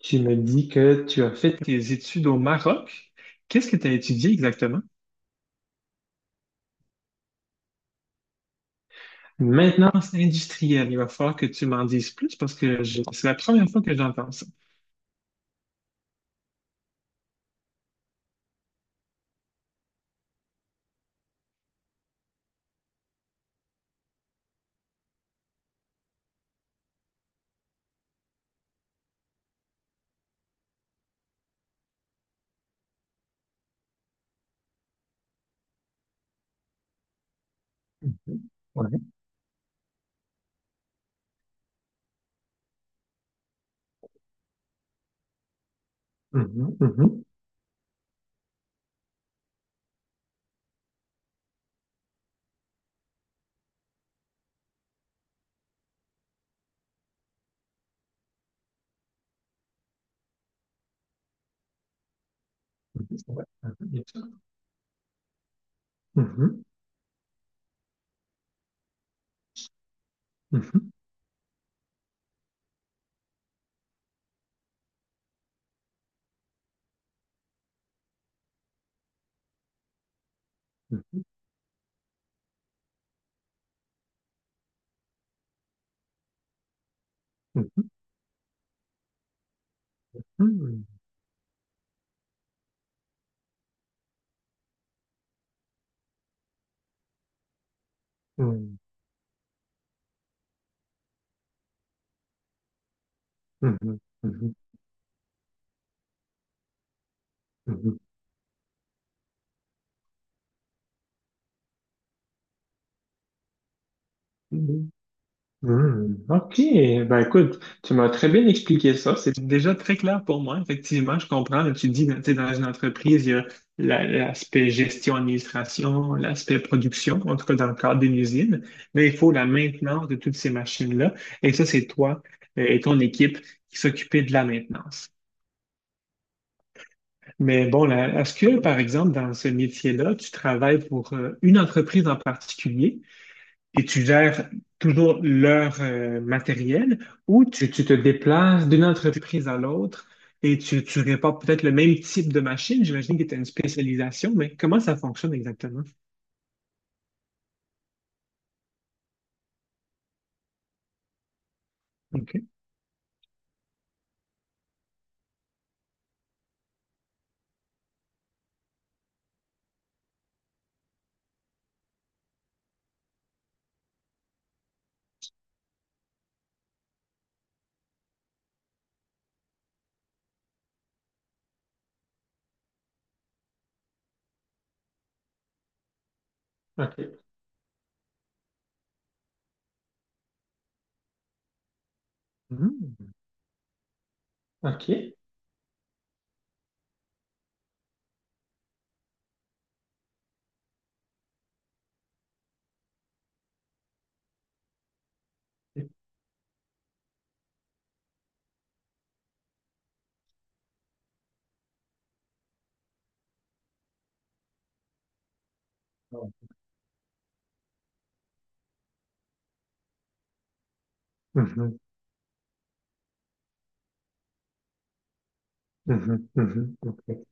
Tu me dis que tu as fait tes études au Maroc. Qu'est-ce que tu as étudié exactement? Maintenance industrielle. Il va falloir que tu m'en dises plus parce que c'est la première fois que j'entends ça. Mhm. Ouais. Mhm, mhm, mhm. Ouais. Mhm, bien sûr. Mhm, mhm, mhm, mhm, mhm. Mhm, mhm, mhm, mhm. Hmm, ok, ben écoute, tu m'as très bien expliqué ça. C'est déjà très clair pour moi. Effectivement, je comprends. Là, tu dis, tu sais, dans une entreprise, il y a l'aspect gestion, administration, l'aspect production, en tout cas dans le cadre d'une usine, mais il faut la maintenance de toutes ces machines-là. Et ça, c'est toi et ton équipe qui s'occupez de la maintenance. Mais bon, est-ce que, par exemple, dans ce métier-là, tu travailles pour une entreprise en particulier? Et tu gères toujours leur matériel ou tu te déplaces d'une entreprise à l'autre et tu répares peut-être le même type de machine. J'imagine que tu as une spécialisation, mais comment ça fonctionne exactement? OK. OK. Mhm. OK. Mhm. Mhm. Mhm. OK.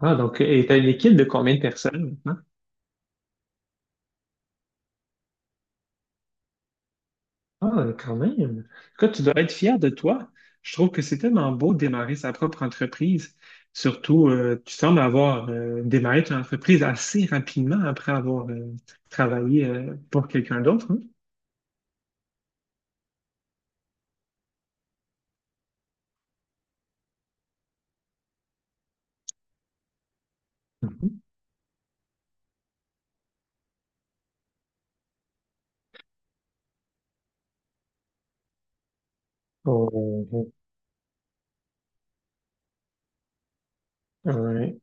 Ah, donc, et tu as une équipe de combien de personnes maintenant? Ah, quand même. Écoute, tu dois être fier de toi. Je trouve que c'est tellement beau de démarrer sa propre entreprise. Surtout, tu sembles avoir démarré ton entreprise assez rapidement après avoir travaillé pour quelqu'un d'autre, hein. Mhm. Oh, oh, oh. Ouais.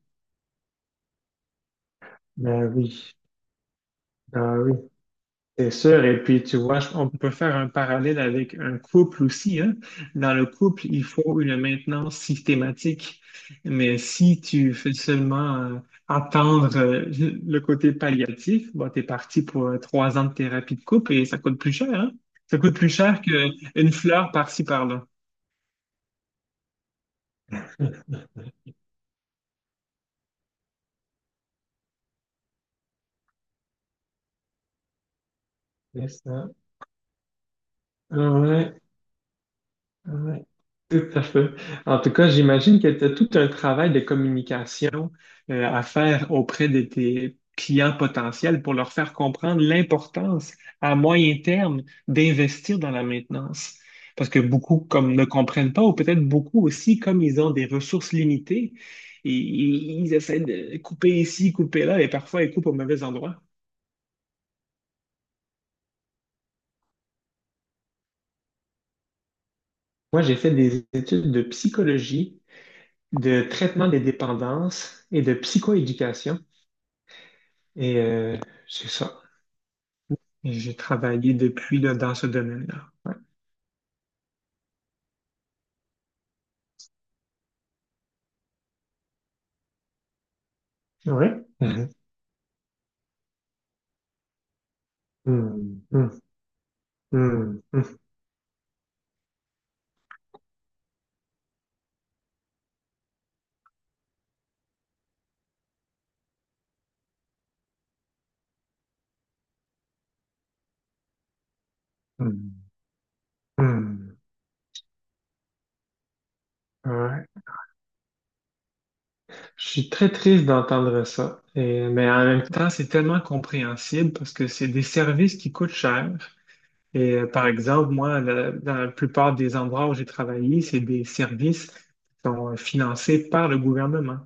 Ben oui. C'est sûr, et puis tu vois, on peut faire un parallèle avec un couple aussi, hein. Dans le couple, il faut une maintenance systématique, mais si tu fais seulement attendre le côté palliatif, bon, t'es parti pour trois ans de thérapie de couple et ça coûte plus cher, hein. Ça coûte plus cher qu'une fleur par-ci par-là. C'est ça. Ouais. Ouais, tout à fait. En tout cas, j'imagine que tu as tout un travail de communication à faire auprès de tes clients potentiels pour leur faire comprendre l'importance à moyen terme d'investir dans la maintenance. Parce que beaucoup comme ne comprennent pas, ou peut-être beaucoup aussi, comme ils ont des ressources limitées, et ils essaient de couper ici, couper là, et parfois ils coupent au mauvais endroit. Moi, j'ai fait des études de psychologie, de traitement des dépendances et de psychoéducation. Et c'est ça. Et j'ai travaillé depuis là, dans ce domaine-là. Ouais. Oui. Mhm. Mhm. Mhm. Mhm. Mhm. Mhm. Ouais. Je suis très triste d'entendre ça. Mais en même temps, c'est tellement compréhensible parce que c'est des services qui coûtent cher. Et par exemple, moi, dans la plupart des endroits où j'ai travaillé, c'est des services qui sont financés par le gouvernement.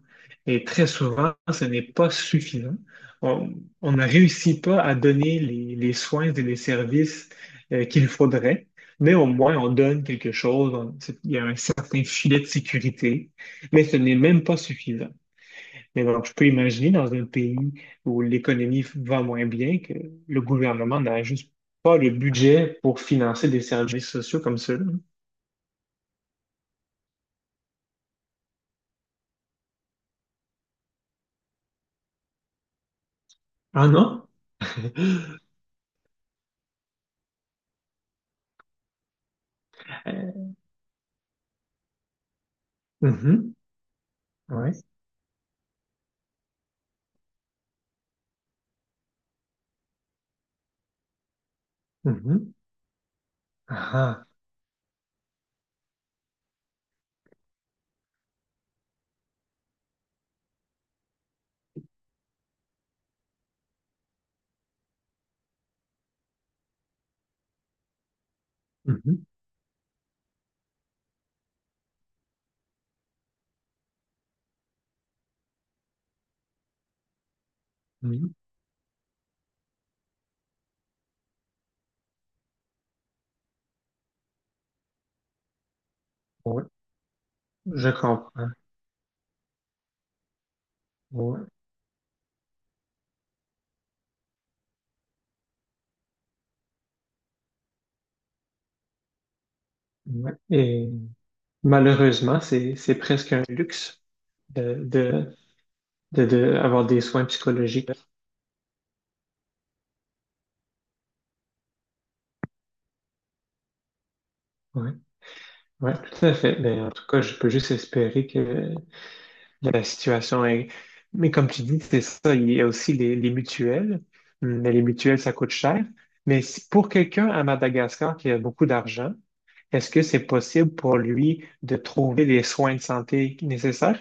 Et très souvent, ce n'est pas suffisant. On, on ne réussit pas à donner les soins et les services qu'il faudrait, mais au moins on donne quelque chose. Il y a un certain filet de sécurité, mais ce n'est même pas suffisant. Mais donc, je peux imaginer dans un pays où l'économie va moins bien que le gouvernement n'a juste pas le budget pour financer des services sociaux comme ceux-là. Ah non? Euh, mhm, ouais, mhm, ah, mhm, mhm, ouais, je comprends. Ouais, ouais. Et malheureusement, c'est presque un luxe de, de, de avoir des soins psychologiques. Ouais, ouais, tout à fait. Mais en tout cas, je peux juste espérer que la situation est... Mais comme tu dis, c'est ça, il y a aussi les mutuelles. Mais les mutuelles, ça coûte cher. Pour quelqu'un à Madagascar qui a beaucoup d'argent, est-ce que c'est possible pour lui de trouver les soins de santé nécessaires?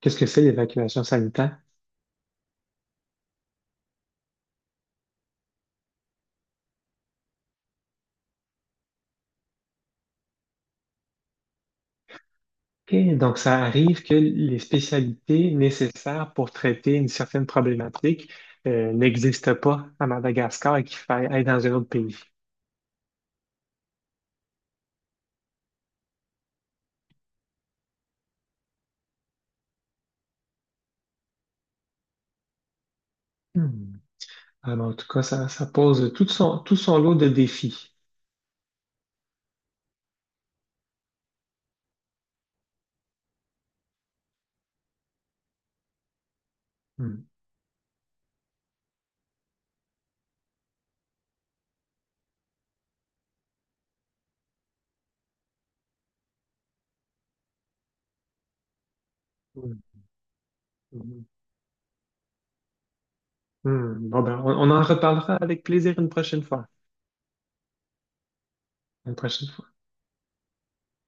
Qu'est-ce que c'est l'évacuation sanitaire? OK, donc ça arrive que les spécialités nécessaires pour traiter une certaine problématique n'existent pas à Madagascar et qu'il faille aller dans un autre pays. Hmm. Alors, en tout cas, ça pose tout son lot de défis. Hmm. Hmm. Hmm, bon ben, on en reparlera avec plaisir une prochaine fois. Une prochaine